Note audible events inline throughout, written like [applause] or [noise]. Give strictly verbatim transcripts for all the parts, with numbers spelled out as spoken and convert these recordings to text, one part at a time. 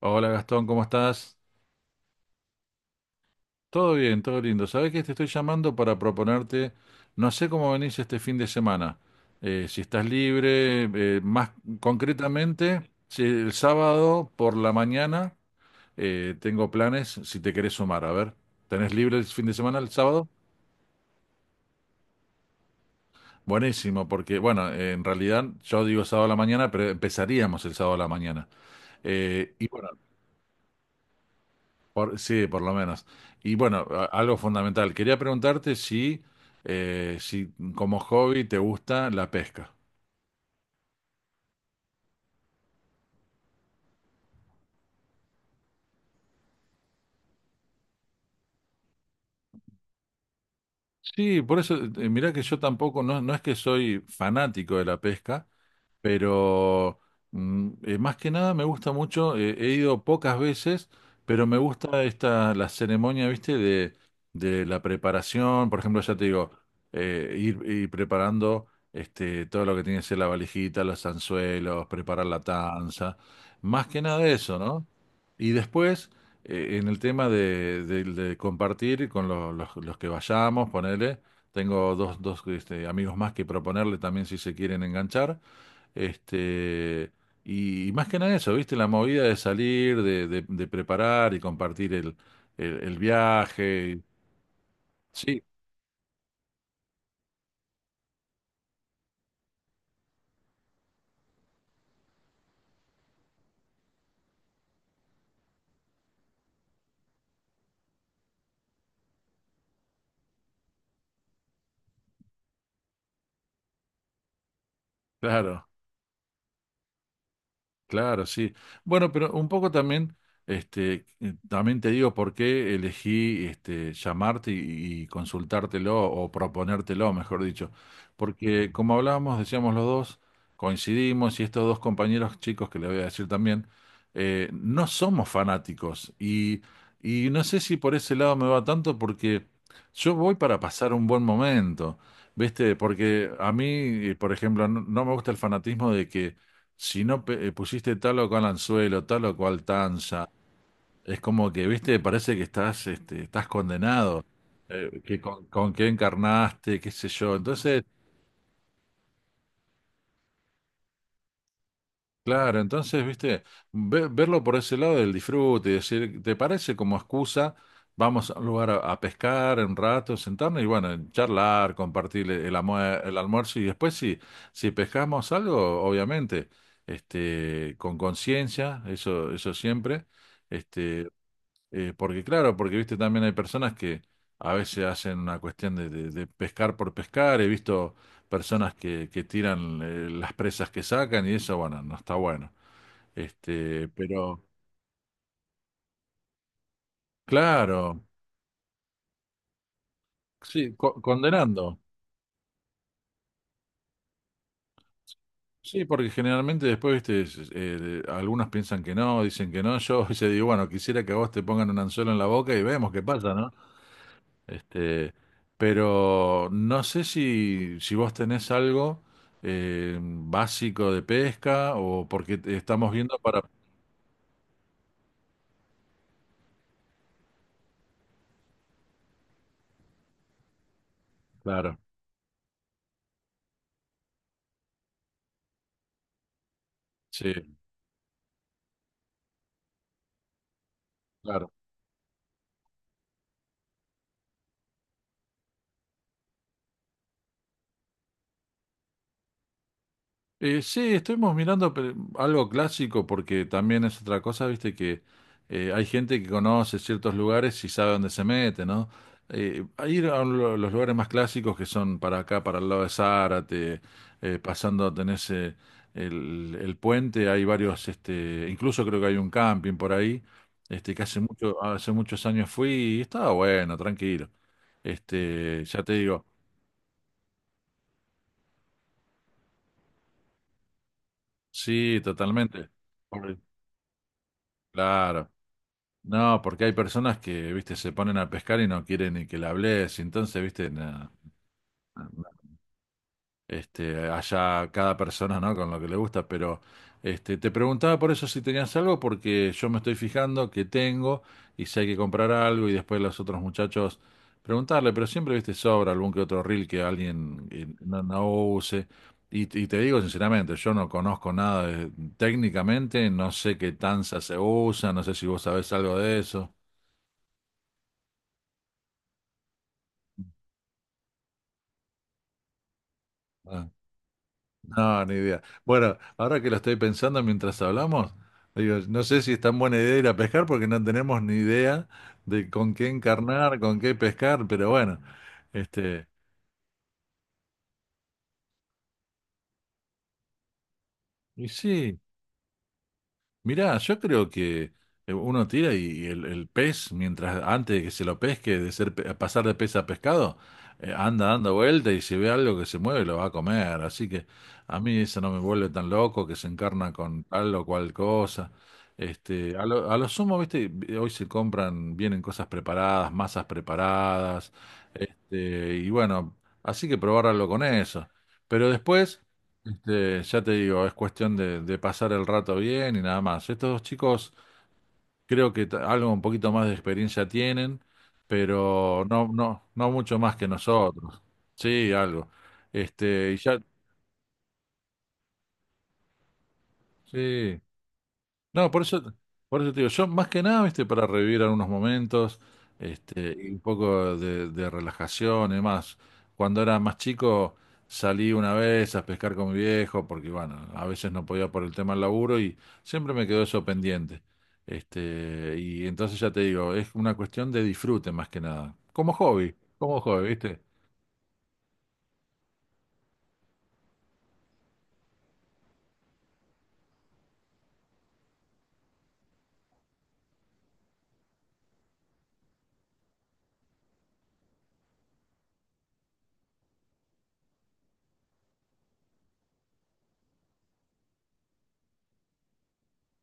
Hola Gastón, ¿cómo estás? Todo bien, todo lindo. Sabes que te estoy llamando para proponerte, no sé cómo venís este fin de semana. Eh, si estás libre, eh, más concretamente, si el sábado por la mañana eh, tengo planes, si te querés sumar, a ver. ¿Tenés libre el fin de semana el sábado? Buenísimo, porque bueno, eh, en realidad yo digo sábado a la mañana, pero empezaríamos el sábado a la mañana. Eh, y bueno, Por- sí, por lo menos. Y bueno, a- algo fundamental. Quería preguntarte si, eh, si como hobby te gusta la pesca. Sí, por eso, eh, mirá que yo tampoco, no, no es que soy fanático de la pesca, pero mm, eh, más que nada me gusta mucho, eh, he ido pocas veces, pero me gusta esta, la ceremonia, ¿viste? De, de la preparación, por ejemplo, ya te digo, eh, ir, ir preparando este, todo lo que tiene que ser la valijita, los anzuelos, preparar la tanza, más que nada eso, ¿no? Y después, eh, en el tema de, de- de compartir con los, los- los que vayamos, ponele, tengo dos, dos este, amigos más que proponerle también si se quieren enganchar. Este, y, y más que nada eso, ¿viste? La movida de salir, de, de- de preparar y compartir el, el- el viaje. Sí, claro. Claro, sí. Bueno, pero un poco también, este, eh, también te digo por qué elegí este, llamarte y, y consultártelo o proponértelo, mejor dicho. Porque como hablábamos, decíamos los dos, coincidimos y estos dos compañeros chicos que le voy a decir también, eh, no somos fanáticos. Y, y no sé si por ese lado me va tanto porque yo voy para pasar un buen momento, ¿viste? Porque a mí, eh, por ejemplo, no no me gusta el fanatismo de que si no pe- eh, pusiste tal o cual anzuelo, tal o cual tanza, es como que, viste, parece que estás, este, estás condenado, eh, que con, con qué encarnaste, qué sé yo. Entonces, claro, entonces, viste, ve- verlo por ese lado del disfrute y decir, ¿te parece como excusa? Vamos a un lugar a, a pescar un rato, sentarnos y bueno, charlar, compartir el, amue- el almuerzo y después si, si pescamos algo, obviamente, este, con conciencia, eso, eso siempre. Este, Eh, porque claro, porque viste también hay personas que a veces hacen una cuestión de, de- de pescar por pescar. He visto personas que, que tiran eh, las presas que sacan y eso, bueno, no está bueno. Este, pero claro, sí, co- condenando. Sí, porque generalmente después, viste, es- es, eh, de- algunos piensan que no, dicen que no. Yo [laughs] se digo, bueno, quisiera que a vos te pongan un anzuelo en la boca y vemos qué pasa, ¿no? Este, pero no sé si, si vos tenés algo eh, básico de pesca o porque te- estamos viendo para... Claro, sí, claro. Eh, sí, estuvimos mirando pe- algo clásico porque también es otra cosa, viste, que eh, hay gente que conoce ciertos lugares y sabe dónde se mete, ¿no? Eh, a ir a un lu- los lugares más clásicos que son para acá, para el lado de Zárate, eh, pasando, tenés eh, el, el puente, hay varios, este, incluso creo que hay un camping por ahí, este, que hace mucho, hace muchos años fui y estaba bueno, tranquilo. Este, ya te digo, sí, totalmente. Por- Claro. No, porque hay personas que, viste, se ponen a pescar y no quieren ni que le hables, y entonces, viste, nada. Este, allá cada persona, ¿no? Con lo que le gusta, pero este, te preguntaba por eso si tenías algo, porque yo me estoy fijando que tengo y si hay que comprar algo y después los otros muchachos preguntarle, pero siempre, viste, sobra algún que otro reel que alguien eh, no, no use. Y, y te digo sinceramente, yo no conozco nada de- técnicamente, no sé qué tanza se usa, no sé si vos sabés algo de eso. Ah. No, ni idea. Bueno, ahora que lo estoy pensando mientras hablamos, digo, no sé si es tan buena idea ir a pescar porque no tenemos ni idea de con qué encarnar, con qué pescar, pero bueno, este, y sí. Mirá, yo creo que eh, uno tira y y el, el pez, mientras antes de que se lo pesque, de ser, pe- pasar de pez a pescado, eh, anda dando vuelta y si ve algo que se mueve lo va a comer. Así que a mí eso no me vuelve tan loco, que se encarna con tal o cual cosa. Este, a lo, a lo sumo, viste, vi- hoy se compran, vienen cosas preparadas, masas preparadas, este, y bueno, así que probar algo con eso. Pero después... Este, ya te digo, es cuestión de, de pasar el rato bien y nada más. Estos dos chicos creo que ta- algo un poquito más de experiencia tienen, pero no, no, no mucho más que nosotros. Sí, algo. Este, y ya, sí. No, por eso, por eso te digo, yo más que nada, viste, para revivir algunos momentos, este, y un poco de, de relajación y demás. Cuando era más chico, salí una vez a pescar con mi viejo, porque bueno, a veces no podía por el tema del laburo y siempre me quedó eso pendiente. Este, y entonces ya te digo, es una cuestión de disfrute más que nada. Como hobby, como hobby, ¿viste?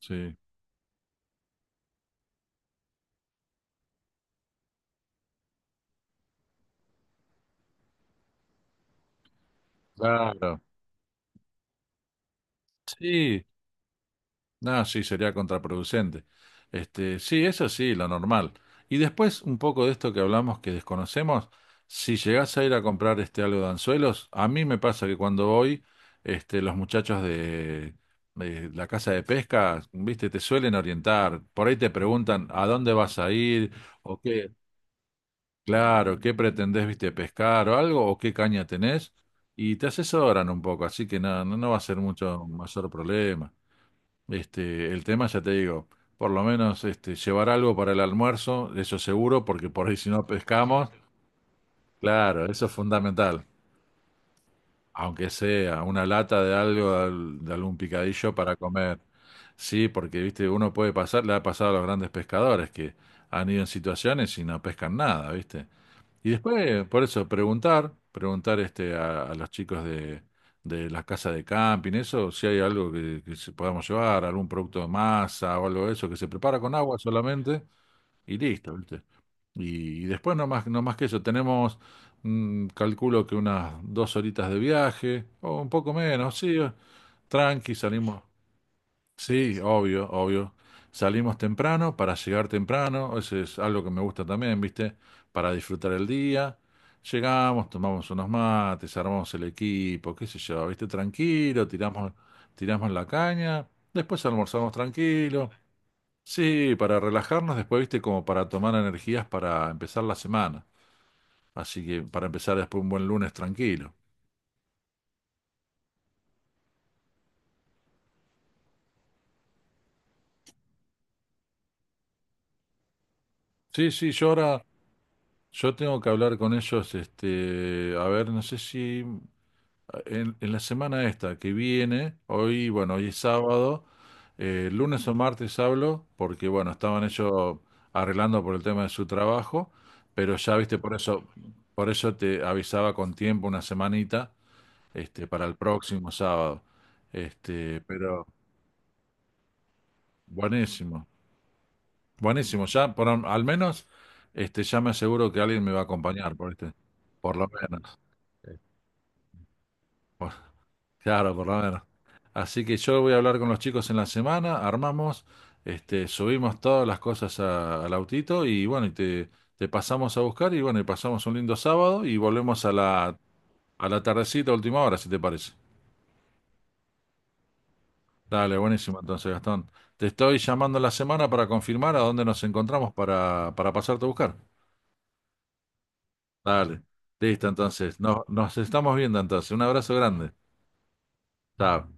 Sí, claro. Sí, no, sí, sería contraproducente. Este, sí, eso sí, lo normal. Y después, un poco de esto que hablamos que desconocemos, si llegás a ir a comprar este algo de anzuelos, a mí me pasa que cuando voy, este, los muchachos de, de la casa de pesca, viste, te suelen orientar. Por ahí te preguntan a dónde vas a ir, o qué, claro, qué pretendés, viste, pescar o algo, o qué caña tenés, y te asesoran un poco, así que no, no no va a ser mucho mayor problema. Este, el tema ya te digo, por lo menos este, llevar algo para el almuerzo, eso seguro, porque por ahí si no pescamos, claro, eso es fundamental, aunque sea una lata de algo, de al- de algún picadillo para comer. Sí, porque viste, uno puede pasar, le ha pasado a los grandes pescadores que han ido en situaciones y no pescan nada, ¿viste? Y después, por eso, preguntar, preguntar este, a, a los chicos de, de las casas de camping, eso, si hay algo que, que se podamos llevar, algún producto de masa o algo de eso, que se prepara con agua solamente y listo, ¿viste? Y, y después no más, no más que eso, tenemos, mm, calculo que unas dos horitas de viaje, o un poco menos, sí, tranqui, salimos. Sí, obvio, obvio. Salimos temprano para llegar temprano, eso es algo que me gusta también, ¿viste? Para disfrutar el día. Llegamos, tomamos unos mates, armamos el equipo, qué sé yo, ¿viste? Tranquilo, tiramos, tiramos la caña, después almorzamos tranquilo. Sí, para relajarnos, después, ¿viste? Como para tomar energías para empezar la semana. Así que para empezar después un buen lunes tranquilo. Sí, sí, yo ahora yo tengo que hablar con ellos, este, a ver, no sé si En, en la semana esta que viene, hoy, bueno, hoy es sábado, eh, lunes o martes hablo, porque bueno, estaban ellos arreglando por el tema de su trabajo, pero ya viste, por eso, por eso te avisaba con tiempo una semanita, este, para el próximo sábado. Este, pero buenísimo, buenísimo. Ya, por, al menos, este, ya me aseguro que alguien me va a acompañar, por este, por lo menos. Bueno, [laughs] claro, por lo menos. Así que yo voy a hablar con los chicos en la semana, armamos, este, subimos todas las cosas a- al autito y bueno, y te, te pasamos a buscar y bueno, y pasamos un lindo sábado y volvemos a la, a la tardecita, última hora, si te parece. Dale, buenísimo entonces, Gastón. Te estoy llamando en la semana para confirmar a dónde nos encontramos para, para pasarte a buscar. Dale. Listo, entonces. Nos, nos estamos viendo entonces. Un abrazo grande. Chao.